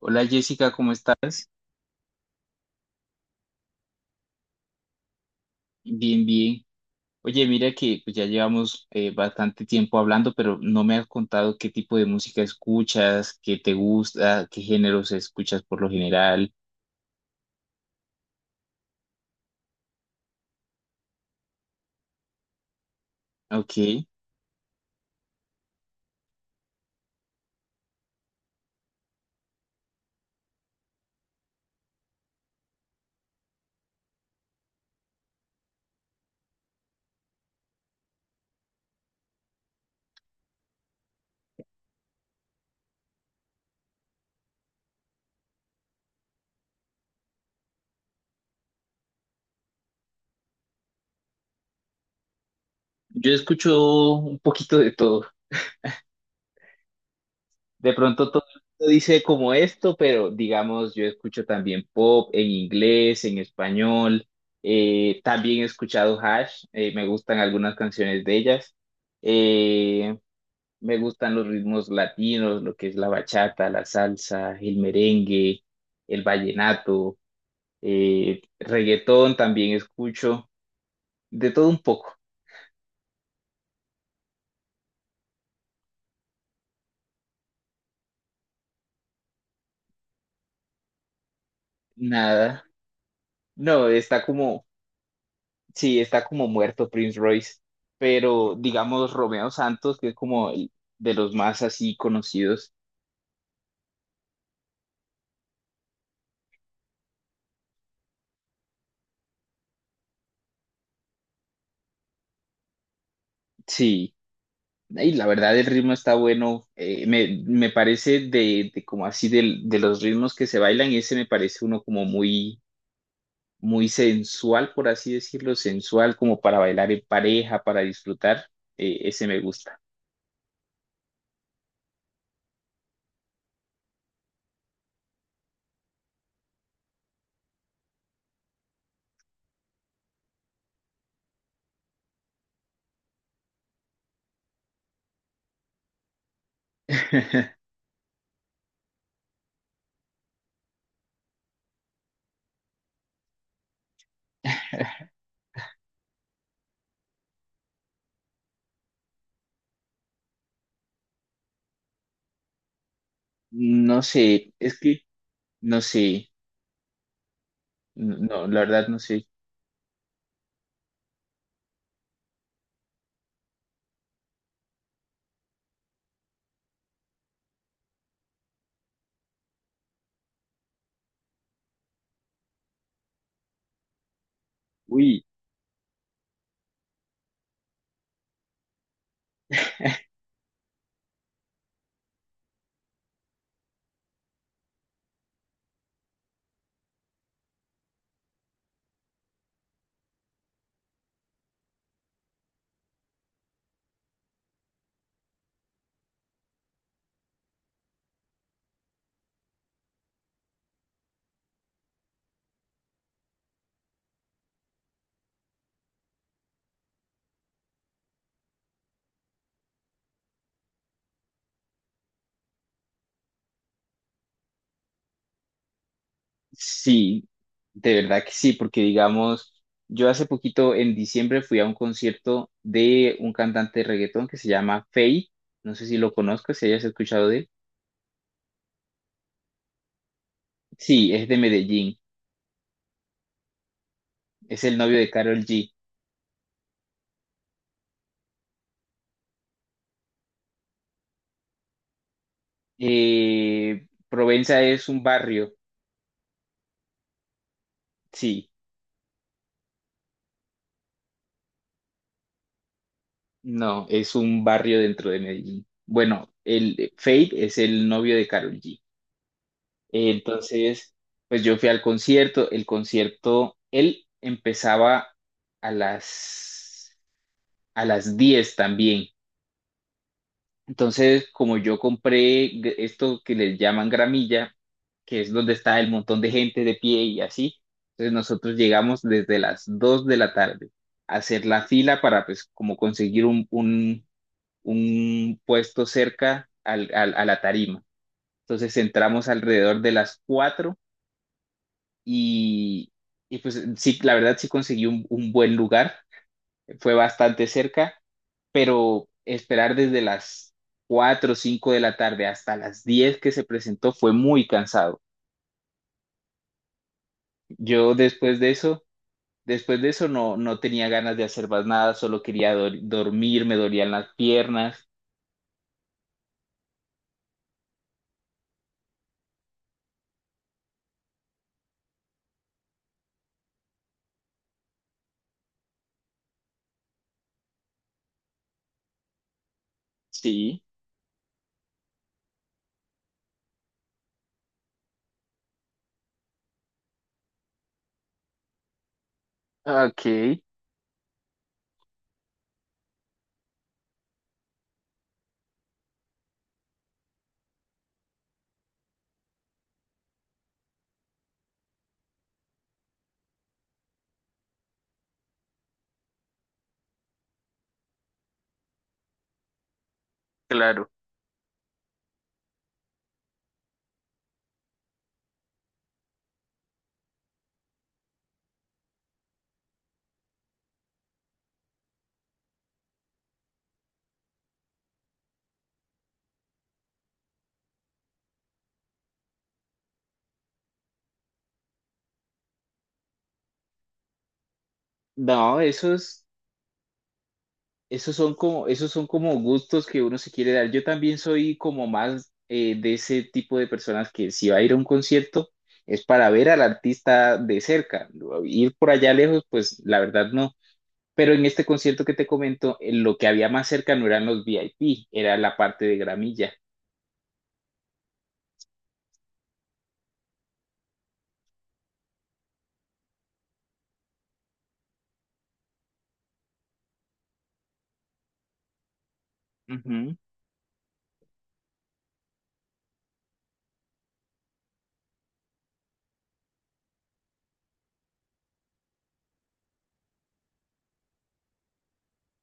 Hola Jessica, ¿cómo estás? Bien, bien. Oye, mira que pues, ya llevamos bastante tiempo hablando, pero no me has contado qué tipo de música escuchas, qué te gusta, qué géneros escuchas por lo general. Ok, yo escucho un poquito de todo. De pronto todo el mundo dice como esto, pero digamos, yo escucho también pop en inglés, en español. También he escuchado Hash, me gustan algunas canciones de ellas. Eh, Me gustan los ritmos latinos, lo que es la bachata, la salsa, el merengue, el vallenato, reggaetón también escucho, de todo un poco. Nada. No, está como, sí, está como muerto Prince Royce, pero digamos Romeo Santos, que es como de los más así conocidos. Sí, y la verdad el ritmo está bueno. Me parece de como así de, los ritmos que se bailan, ese me parece uno como muy muy sensual, por así decirlo, sensual, como para bailar en pareja, para disfrutar, ese me gusta. No sé, es que no sé, no, la verdad no sé. Uy, sí, de verdad que sí, porque digamos, yo hace poquito en diciembre fui a un concierto de un cantante de reggaetón que se llama Feid, no sé si lo conozcas, si hayas escuchado de él. Sí, es de Medellín, es el novio de Karol G. Provenza es un barrio, sí. No, es un barrio dentro de Medellín. Bueno, el Fate es el novio de Karol G. Entonces, pues yo fui al concierto. El concierto, él empezaba a las a las 10 también. Entonces, como yo compré esto que les llaman gramilla, que es donde está el montón de gente de pie y así, entonces nosotros llegamos desde las 2 de la tarde a hacer la fila para pues como conseguir un un puesto cerca al a la tarima. Entonces entramos alrededor de las 4 y, y pues sí, la verdad sí conseguí un buen lugar, fue bastante cerca, pero esperar desde las 4 o 5 de la tarde hasta las 10 que se presentó fue muy cansado. Yo después de eso no, no tenía ganas de hacer más nada, solo quería dormir, me dolían las piernas. Sí, ok, claro. No, esos son como gustos que uno se quiere dar. Yo también soy como más de ese tipo de personas que si va a ir a un concierto es para ver al artista de cerca. Ir por allá lejos, pues la verdad no. Pero en este concierto que te comento, lo que había más cerca no eran los VIP, era la parte de gramilla. Ujú.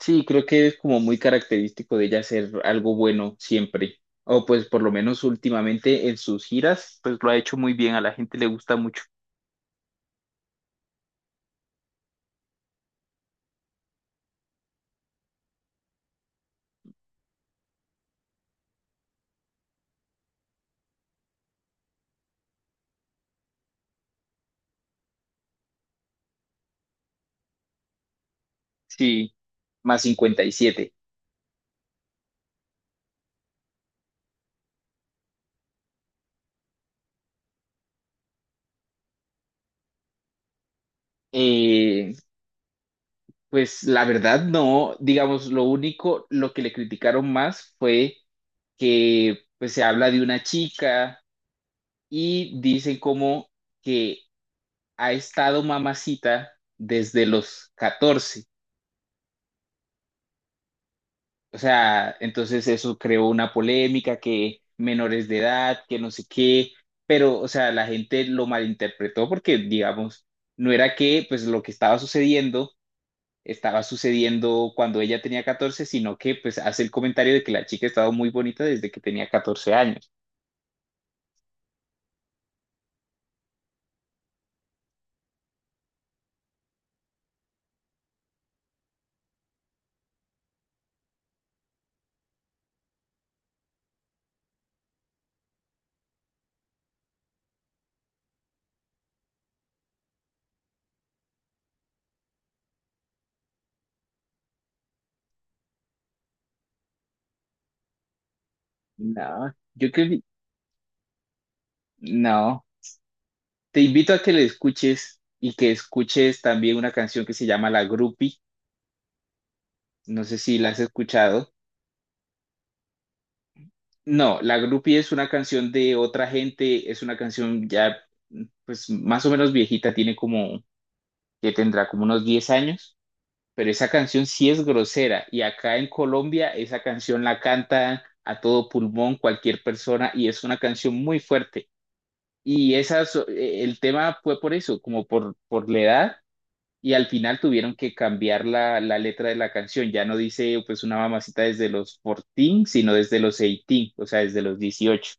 Sí, creo que es como muy característico de ella hacer algo bueno siempre. O pues por lo menos últimamente en sus giras, pues lo ha hecho muy bien. A la gente le gusta mucho. Sí, más 57. Eh, pues la verdad no, digamos, lo único, lo que le criticaron más fue que pues se habla de una chica y dicen como que ha estado mamacita desde los 14. O sea, entonces eso creó una polémica que menores de edad, que no sé qué, pero o sea, la gente lo malinterpretó porque digamos, no era que pues lo que estaba sucediendo cuando ella tenía 14, sino que pues hace el comentario de que la chica estaba muy bonita desde que tenía 14 años. No, yo creo que no. Te invito a que le escuches y que escuches también una canción que se llama La Grupi. No sé si la has escuchado. No, La Grupi es una canción de otra gente, es una canción ya pues más o menos viejita, tiene como que tendrá como unos 10 años, pero esa canción sí es grosera y acá en Colombia esa canción la canta a todo pulmón cualquier persona y es una canción muy fuerte. Y esas, el tema fue por eso, como por la edad y al final tuvieron que cambiar la letra de la canción. Ya no dice pues una mamacita desde los 14, sino desde los 18, o sea, desde los 18.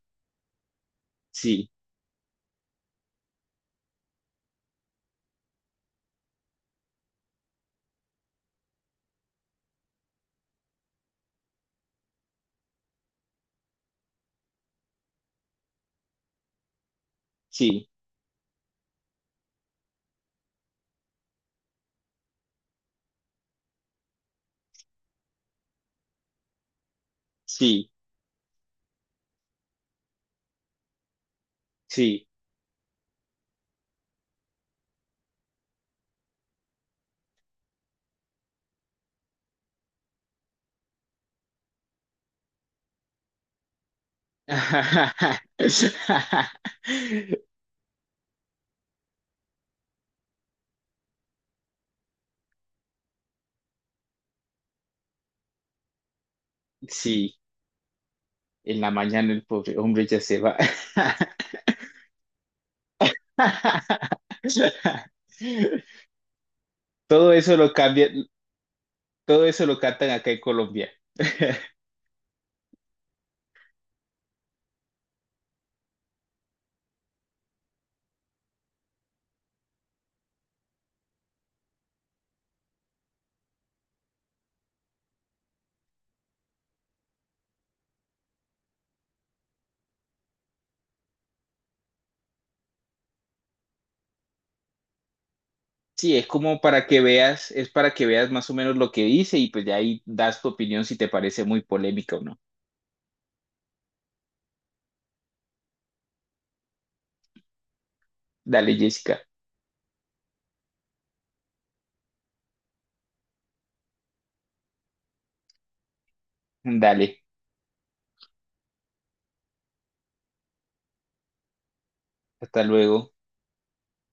Sí, sí, sí, sí. Sí. En la mañana el pobre hombre ya se va. Todo eso lo cambia, todo eso lo cantan acá en Colombia. Sí, es como para que veas, es para que veas más o menos lo que dice y pues ya ahí das tu opinión si te parece muy polémica o no. Dale, Jessica, dale, hasta luego.